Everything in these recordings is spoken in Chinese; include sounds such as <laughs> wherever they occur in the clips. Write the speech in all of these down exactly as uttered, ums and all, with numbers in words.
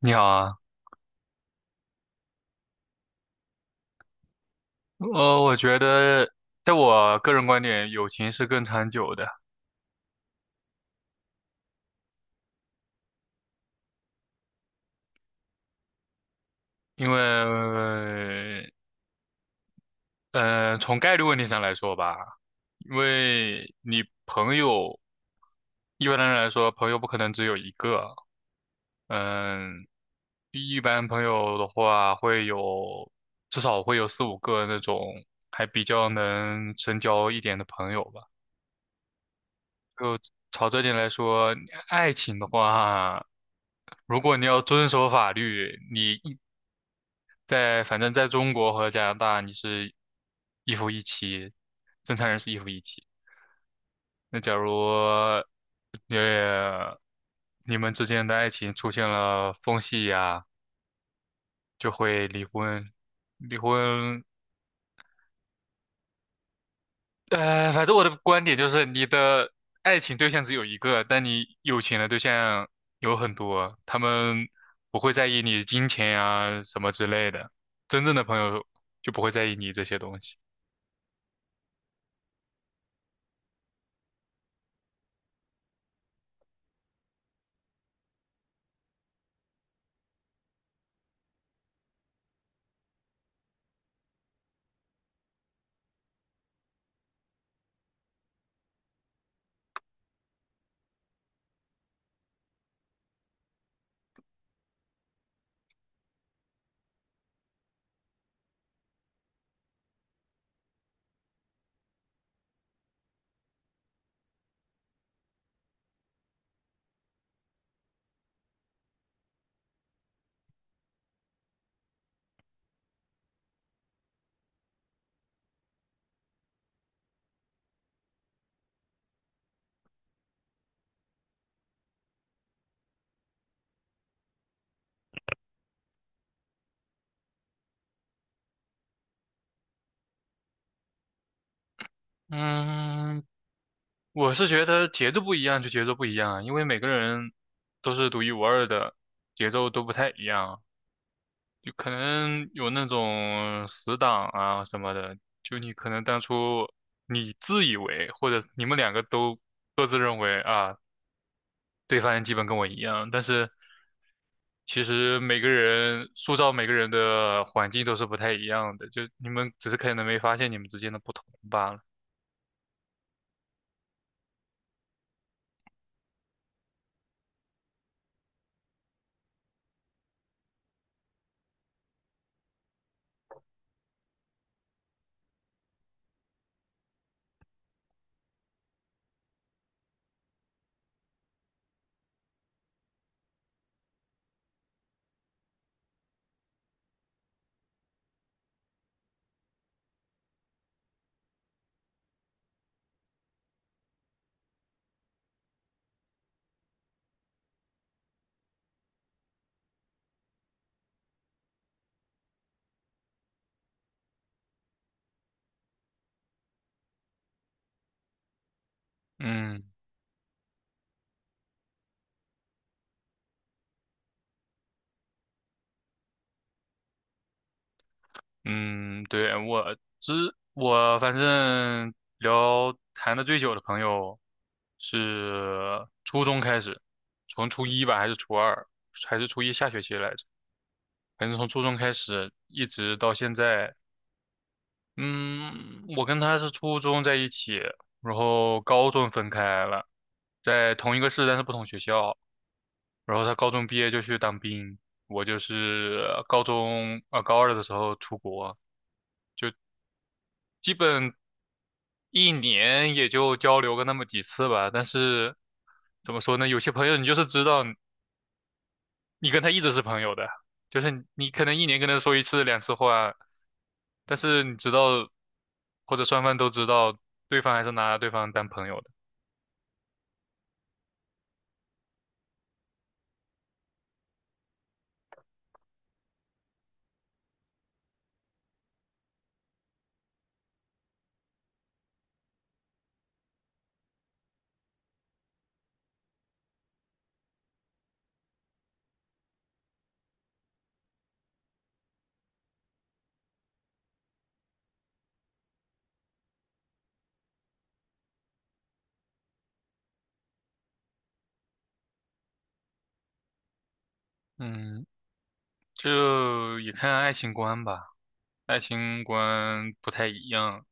你好啊，呃，我觉得，在我个人观点，友情是更长久的。因为，呃，从概率问题上来说吧，因为你朋友，一般的人来说，朋友不可能只有一个。嗯，一般朋友的话会有，至少会有四五个那种还比较能深交一点的朋友吧。就朝这点来说，爱情的话。如果你要遵守法律，你一在反正在中国和加拿大，你是一夫一妻，正常人是一夫一妻。那假如呃你们之间的爱情出现了缝隙呀、就会离婚。离婚，呃，反正我的观点就是，你的爱情对象只有一个，但你有钱的对象有很多，他们不会在意你金钱呀、什么之类的，真正的朋友就不会在意你这些东西。嗯，我是觉得节奏不一样就节奏不一样啊，因为每个人都是独一无二的，节奏都不太一样，就可能有那种死党啊什么的，就你可能当初你自以为或者你们两个都各自认为啊，对方基本跟我一样，但是其实每个人塑造每个人的环境都是不太一样的，就你们只是可能没发现你们之间的不同罢了。嗯。嗯，对，我之我反正聊谈的最久的朋友是初中开始，从初一吧，还是初二，还是初一下学期来着，反正从初中开始一直到现在。嗯，我跟他是初中在一起，然后高中分开了，在同一个市，但是不同学校。然后他高中毕业就去当兵，我就是高中啊、呃高二的时候出国，基本。一年也就交流个那么几次吧。但是怎么说呢，有些朋友你就是知道你跟他一直是朋友的，就是你你可能一年跟他说一次两次话，但是你知道或者双方都知道，对方还是拿对方当朋友的。嗯，就也看爱情观吧，爱情观不太一样，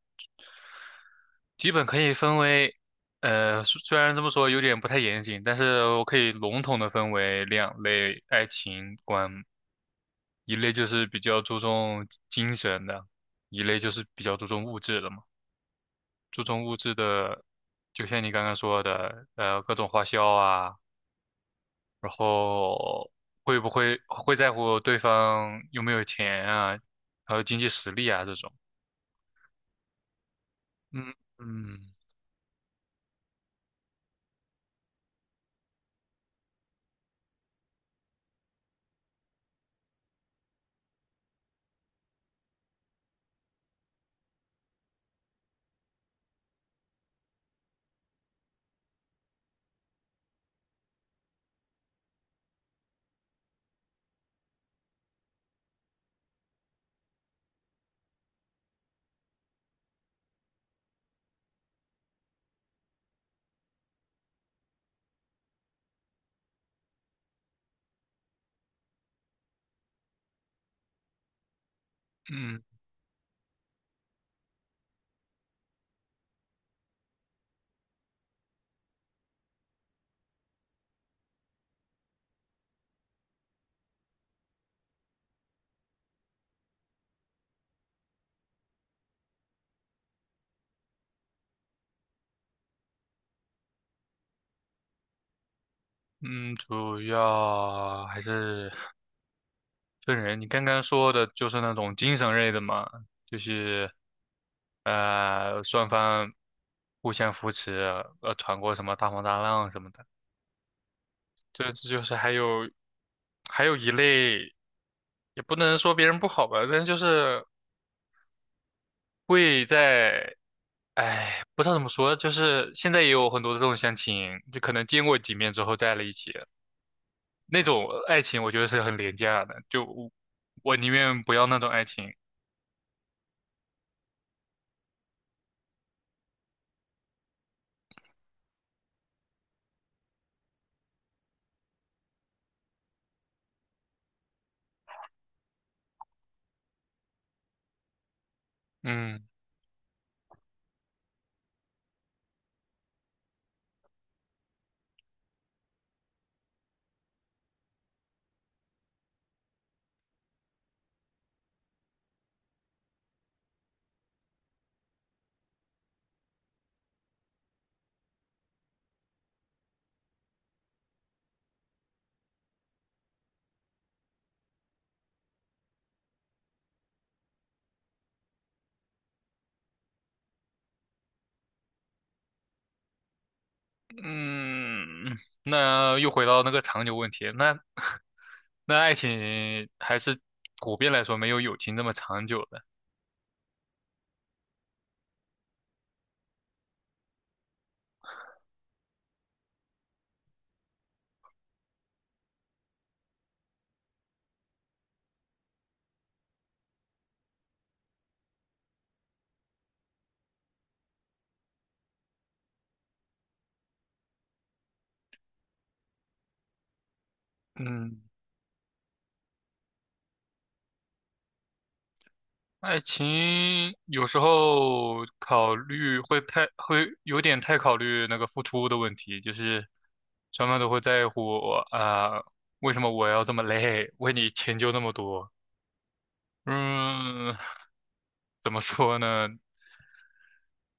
基本可以分为。呃，虽虽然这么说有点不太严谨，但是我可以笼统的分为两类爱情观。一类就是比较注重精神的，一类就是比较注重物质的嘛。注重物质的，就像你刚刚说的，呃，各种花销啊，然后会不会会在乎对方有没有钱啊，还有经济实力啊这种。嗯嗯嗯嗯，主要还是分人。你刚刚说的就是那种精神类的嘛，就是。呃，双方互相扶持，呃，闯过什么大风大浪什么的。这这就是还有还有一类，也不能说别人不好吧，但是就是会在，哎，不知道怎么说，就是现在也有很多的这种相亲，就可能见过几面之后在了一起，那种爱情我觉得是很廉价的，就我我宁愿不要那种爱情。嗯。嗯，那又回到那个长久问题，那 <laughs> 那爱情还是普遍来说没有友情这么长久的。嗯，爱情有时候考虑会太，会有点太考虑那个付出的问题，就是双方都会在乎啊，呃为什么我要这么累，为你迁就那么多？嗯，怎么说呢？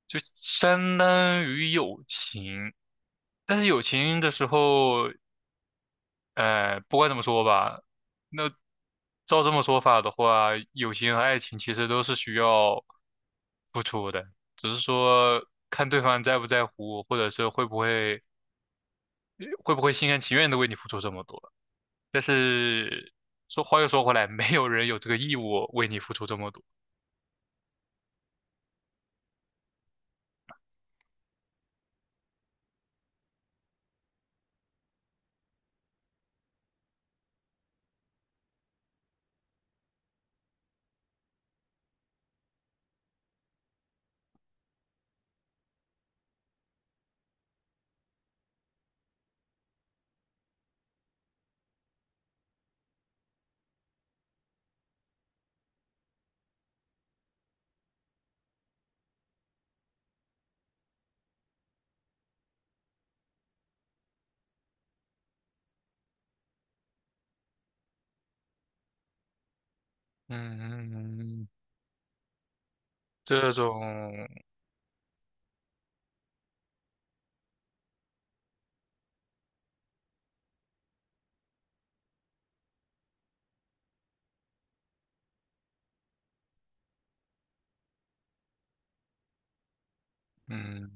就相当于友情。但是友情的时候，呃，不管怎么说吧，那照这么说法的话，友情和爱情其实都是需要付出的，只是说看对方在不在乎，或者是会不会会不会心甘情愿的为你付出这么多。但是说话又说回来，没有人有这个义务为你付出这么多。嗯，这种，嗯，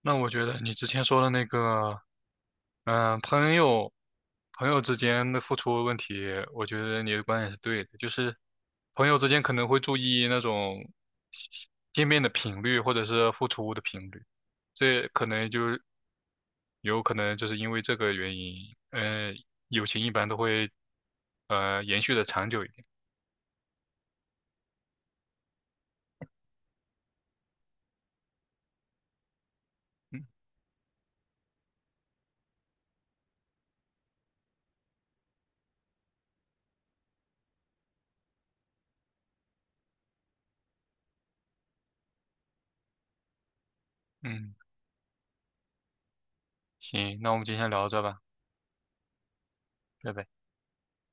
那我觉得你之前说的那个，嗯、朋友朋友之间的付出问题，我觉得你的观点是对的，就是朋友之间可能会注意那种见面的频率或者是付出的频率，这可能就有可能就是因为这个原因，呃，友情一般都会呃延续的长久一点。嗯嗯，行，那我们今天聊到这吧，拜拜。